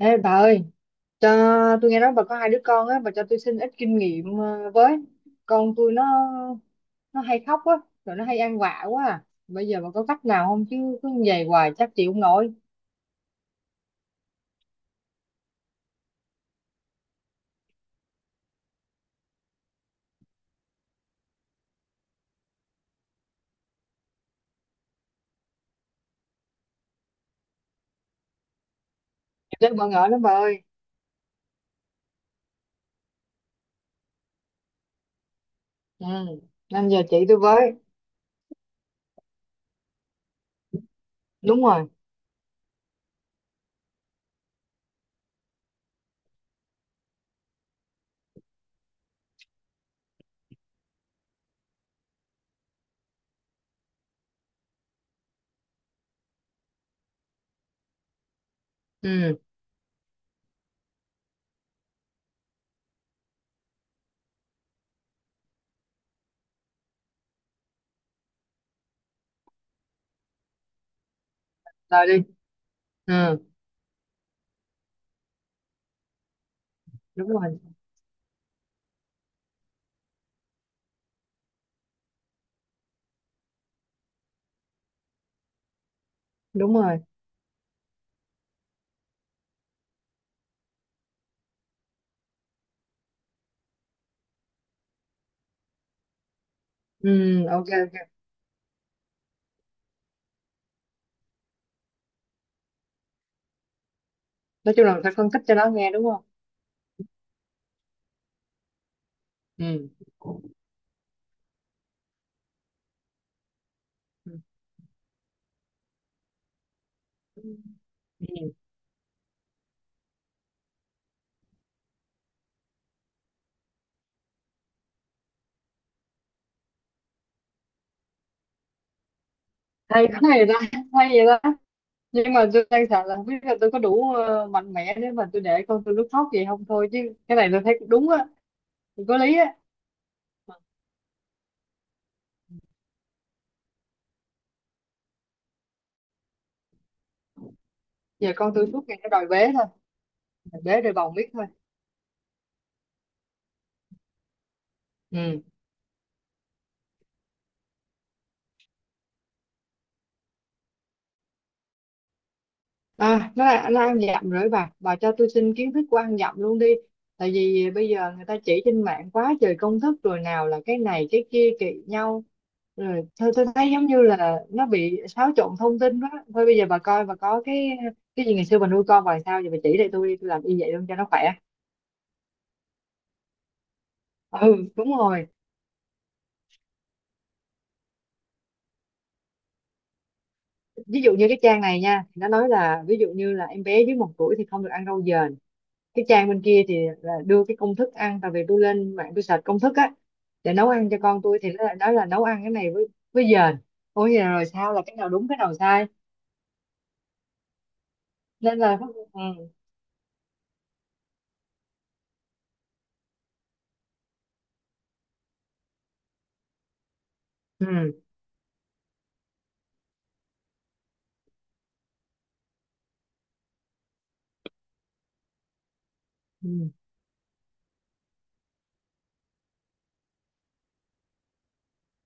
Ê bà ơi, cho tôi nghe nói bà có hai đứa con á, bà cho tôi xin ít kinh nghiệm với. Con tôi nó hay khóc á, rồi nó hay ăn vạ quá à. Bây giờ bà có cách nào không chứ cứ như vậy hoài chắc chịu không nổi. Rất bỡ ngỡ lắm bà ơi. Ừ, nên giờ chị tôi với. Đúng rồi. Ừ, rồi đi. Ừ, đúng rồi. Đúng rồi. Ừ, ok ok. Nói chung là phải phân tích cho nó nghe đúng không? Ừ. Ừ. Hay quá vậy ta, hay vậy ta. Nhưng mà tôi đang sợ là không biết là tôi có đủ mạnh mẽ để mà tôi để con tôi nó khóc vậy không thôi chứ. Cái này tôi thấy cũng đúng á, cũng có lý á. Giờ con tôi suốt ngày nó đòi bế thôi, đòi bế đòi bồng biết thôi. Ừ à, nó ăn dặm rồi, bà cho tôi xin kiến thức của ăn dặm luôn đi, tại vì bây giờ người ta chỉ trên mạng quá trời công thức, rồi nào là cái này cái kia kỳ nhau, rồi thôi tôi thấy giống như là nó bị xáo trộn thông tin đó. Thôi bây giờ bà coi bà có cái gì ngày xưa bà nuôi con bà làm sao giờ bà chỉ lại tôi đi, tôi làm y vậy luôn cho nó khỏe. Ừ, đúng rồi. Ví dụ như cái trang này nha thì nó nói là ví dụ như là em bé dưới 1 tuổi thì không được ăn rau dền, cái trang bên kia thì là đưa cái công thức ăn, tại vì tôi lên mạng tôi search công thức á để nấu ăn cho con tôi thì nó lại nói là nấu ăn cái này với dền. Ôi giờ rồi sao là cái nào đúng cái nào sai, nên là ừ, ừ, ừ.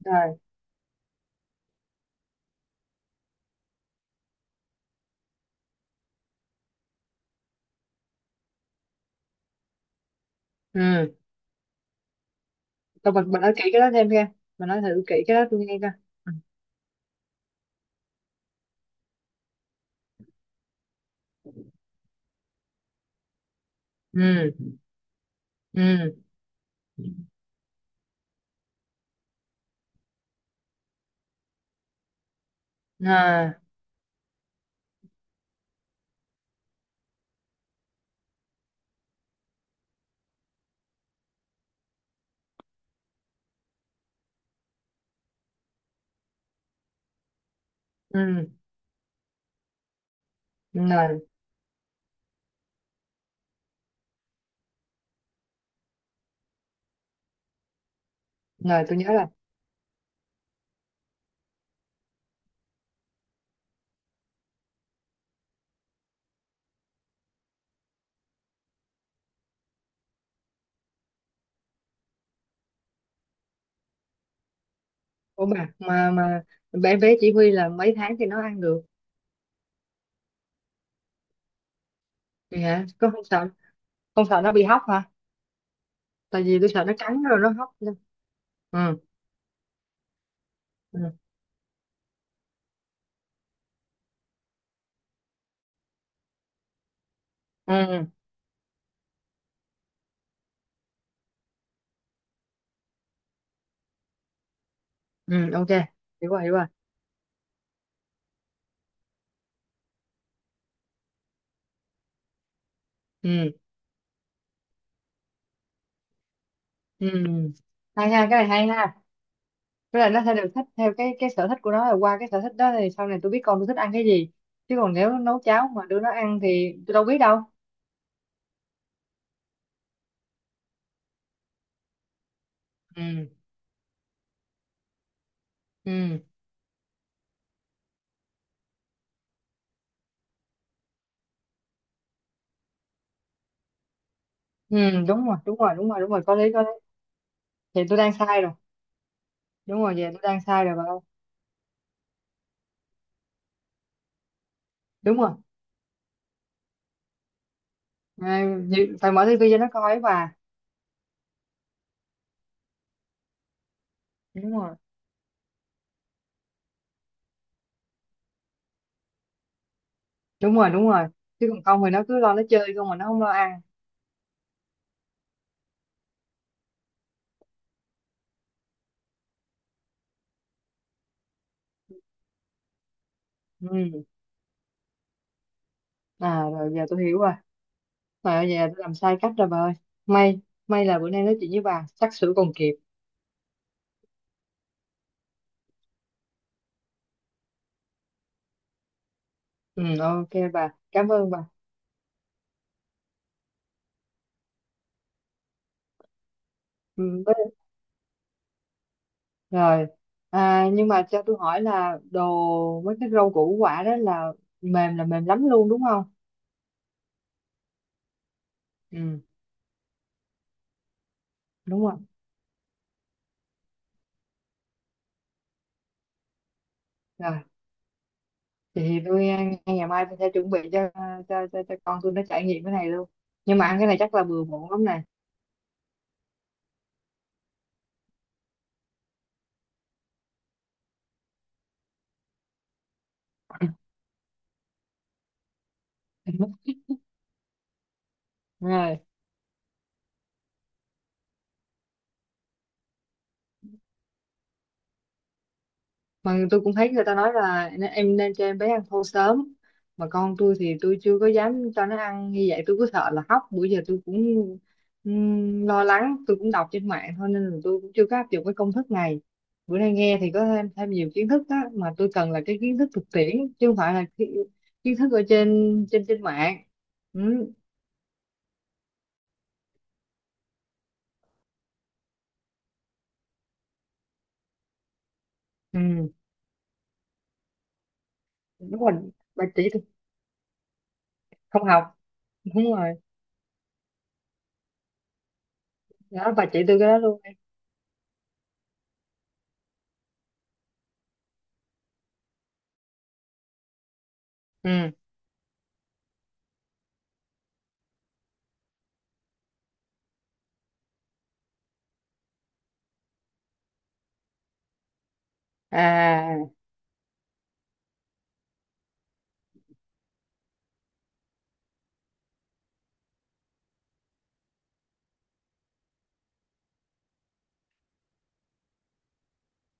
Rồi. Ừ, tôi mình nói kỹ cái đó thêm nghe, mình nói thử kỹ cái đó tôi nghe coi. Ừ. Ừ. Ừ. À. Ừ. Rồi rồi tôi nhớ. Ủa bà mà bé bé chỉ huy là mấy tháng thì nó ăn được? Thì hả có không sợ, không sợ nó bị hóc hả? Tại vì tôi sợ nó cắn rồi nó hóc. Ừ. Ừ. Ừ, ừ. Ok, hiểu rồi hiểu rồi. Ừ. Ừ, hay ha, cái này hay ha. Với lại nó sẽ được thích theo cái sở thích của nó, rồi qua cái sở thích đó thì sau này tôi biết con tôi thích ăn cái gì, chứ còn nếu nấu cháo mà đưa nó ăn thì tôi đâu biết đâu. Ừ. Ừ. Ừ, đúng rồi, đúng rồi, đúng rồi, đúng rồi, có lý, có lý. Thì tôi đang sai rồi, đúng rồi. Về tôi đang sai rồi bà ơi. Đúng rồi. À, phải mở tivi cho nó coi ấy bà. Đúng rồi, đúng rồi, đúng rồi. Chứ còn không thì nó cứ lo nó chơi không mà nó không lo ăn. Ừ. À, rồi giờ tôi hiểu rồi, mà bây giờ tôi làm sai cách rồi bà ơi. May may là bữa nay nói chuyện với bà xác sửa còn kịp. Ừ, ok, bà cảm ơn bà. Ừ, với-. Rồi. À, nhưng mà cho tôi hỏi là đồ mấy cái rau củ quả đó là mềm lắm luôn đúng không? Ừ. Đúng rồi. Thì tôi ngay ngày mai tôi sẽ chuẩn bị cho cho con tôi nó trải nghiệm cái này luôn. Nhưng mà ăn cái này chắc là bừa bộn lắm nè. Đúng rồi. Mà tôi cũng thấy người ta nói là em nên cho em bé ăn thô sớm, mà con tôi thì tôi chưa có dám cho nó ăn như vậy, tôi cứ sợ là hóc, bữa giờ tôi cũng lo lắng. Tôi cũng đọc trên mạng thôi nên là tôi cũng chưa có áp dụng cái công thức này. Bữa nay nghe thì có thêm thêm nhiều kiến thức á, mà tôi cần là cái kiến thức thực tiễn chứ không phải là kiến thức ở trên trên trên mạng. Ừ. Ừ. Đúng rồi, bà chỉ tôi. Không học. Đúng rồi, đó bà chỉ tôi cái đó luôn. Ừ. À,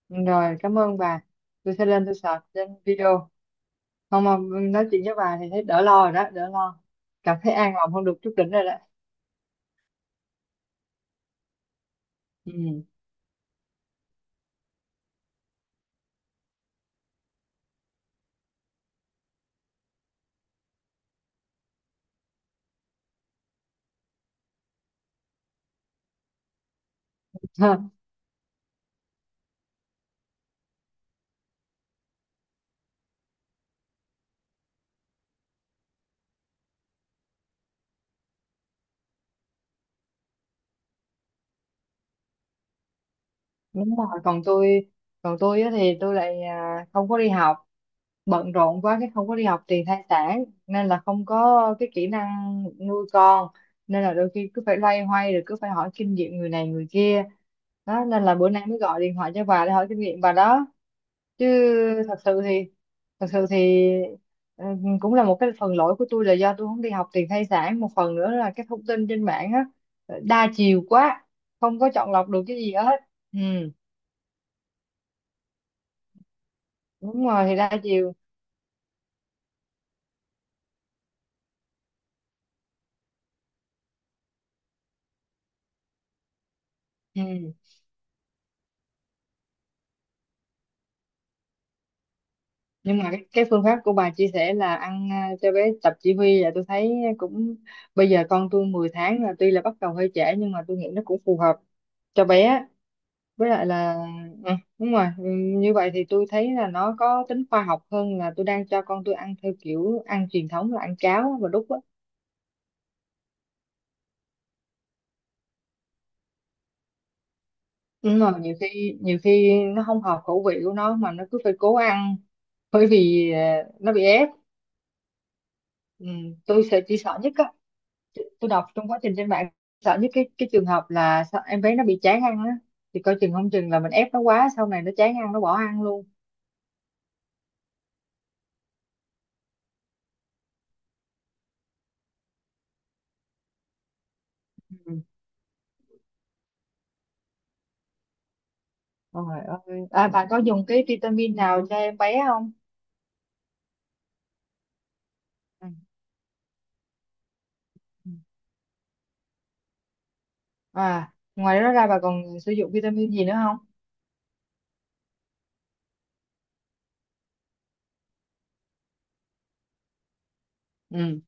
rồi, cảm ơn bà. Tôi sẽ lên tôi search trên video. Không mà nói chuyện với bà thì thấy đỡ lo rồi đó, đỡ lo. Cảm thấy an lòng hơn được chút đỉnh rồi đó. Ừ. Đúng rồi. Còn tôi á thì tôi lại à, không có đi học. Bận rộn quá cái không có đi học tiền thai sản, nên là không có cái kỹ năng nuôi con, nên là đôi khi cứ phải loay hoay rồi cứ phải hỏi kinh nghiệm người này người kia đó. Nên là bữa nay mới gọi điện thoại cho bà để hỏi kinh nghiệm bà đó chứ. thật sự thì Thật sự thì ừ, cũng là một cái phần lỗi của tôi là do tôi không đi học tiền thai sản, một phần nữa là cái thông tin trên mạng á đa chiều quá, không có chọn lọc được cái gì hết. Ừ, đúng rồi, thì đa chiều. Ừ. Nhưng mà cái phương pháp của bà chia sẻ là ăn à, cho bé tập chỉ huy là tôi thấy cũng, bây giờ con tôi 10 tháng là tuy là bắt đầu hơi trễ nhưng mà tôi nghĩ nó cũng phù hợp cho bé. Với lại là ừ, đúng rồi. Ừ, như vậy thì tôi thấy là nó có tính khoa học hơn là tôi đang cho con tôi ăn theo kiểu ăn truyền thống là ăn cháo và đút á, nhưng mà nhiều khi nó không hợp khẩu vị của nó mà nó cứ phải cố ăn, bởi vì à, nó bị ép. Ừ, tôi sẽ chỉ sợ nhất, tôi đọc trong quá trình trên mạng, sợ nhất cái trường hợp là sao em bé nó bị chán ăn á, thì coi chừng không chừng là mình ép nó quá sau này nó chán ăn nó bỏ ăn luôn. Ừ. Trời ơi. À, bà có dùng cái vitamin nào cho em bé không? Ừ. Ừ. À, ngoài đó ra bà còn sử dụng vitamin gì nữa không? Ừ.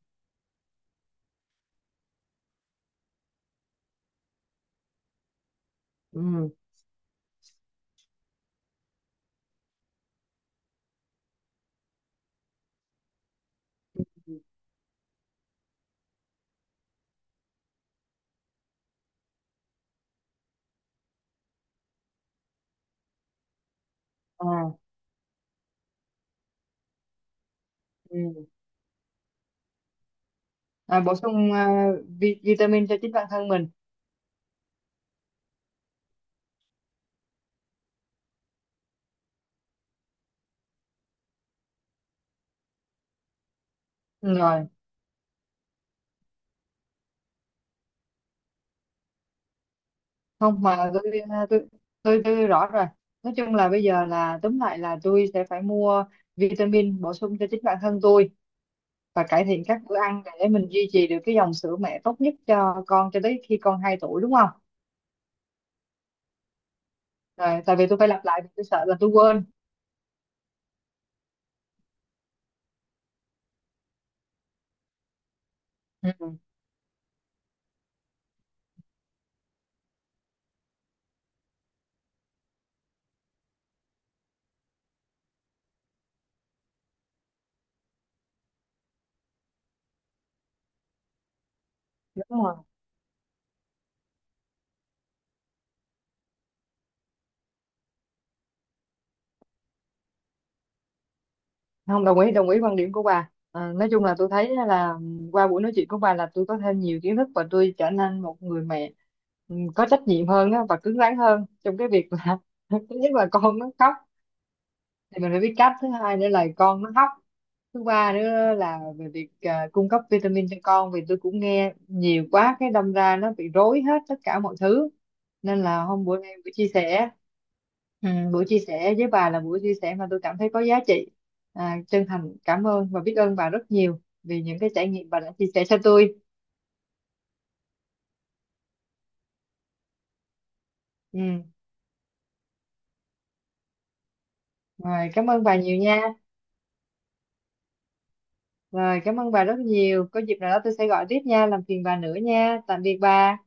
Ừ. À, ừ. À, bổ sung à, vitamin cho chính bản thân mình. Ừ, rồi. Không mà tôi à, tôi tôi rõ rồi. Nói chung là bây giờ là tóm lại là tôi sẽ phải mua vitamin bổ sung cho chính bản thân tôi và cải thiện các bữa ăn để mình duy trì được cái dòng sữa mẹ tốt nhất cho con cho tới khi con 2 tuổi đúng không? Rồi tại vì tôi phải lặp lại vì tôi sợ là tôi quên. Ừ, đúng rồi. Không, đồng ý đồng ý quan điểm của bà. Ờ, nói chung là tôi thấy là qua buổi nói chuyện của bà là tôi có thêm nhiều kiến thức và tôi trở nên một người mẹ ừ, có trách nhiệm hơn á và cứng rắn hơn trong cái việc là thứ nhất là con nó khóc thì mình phải biết cách, thứ hai nữa là con nó khóc, thứ ba nữa là về việc à, cung cấp vitamin cho con, vì tôi cũng nghe nhiều quá cái đâm ra nó bị rối hết tất cả mọi thứ. Nên là hôm bữa nay buổi chia sẻ ừ, buổi chia sẻ với bà là buổi chia sẻ mà tôi cảm thấy có giá trị. À, chân thành cảm ơn và biết ơn bà rất nhiều vì những cái trải nghiệm bà đã chia sẻ cho tôi. Ừ. Rồi cảm ơn bà nhiều nha. Rồi cảm ơn bà rất nhiều, có dịp nào đó tôi sẽ gọi tiếp nha, làm phiền bà nữa nha, tạm biệt bà.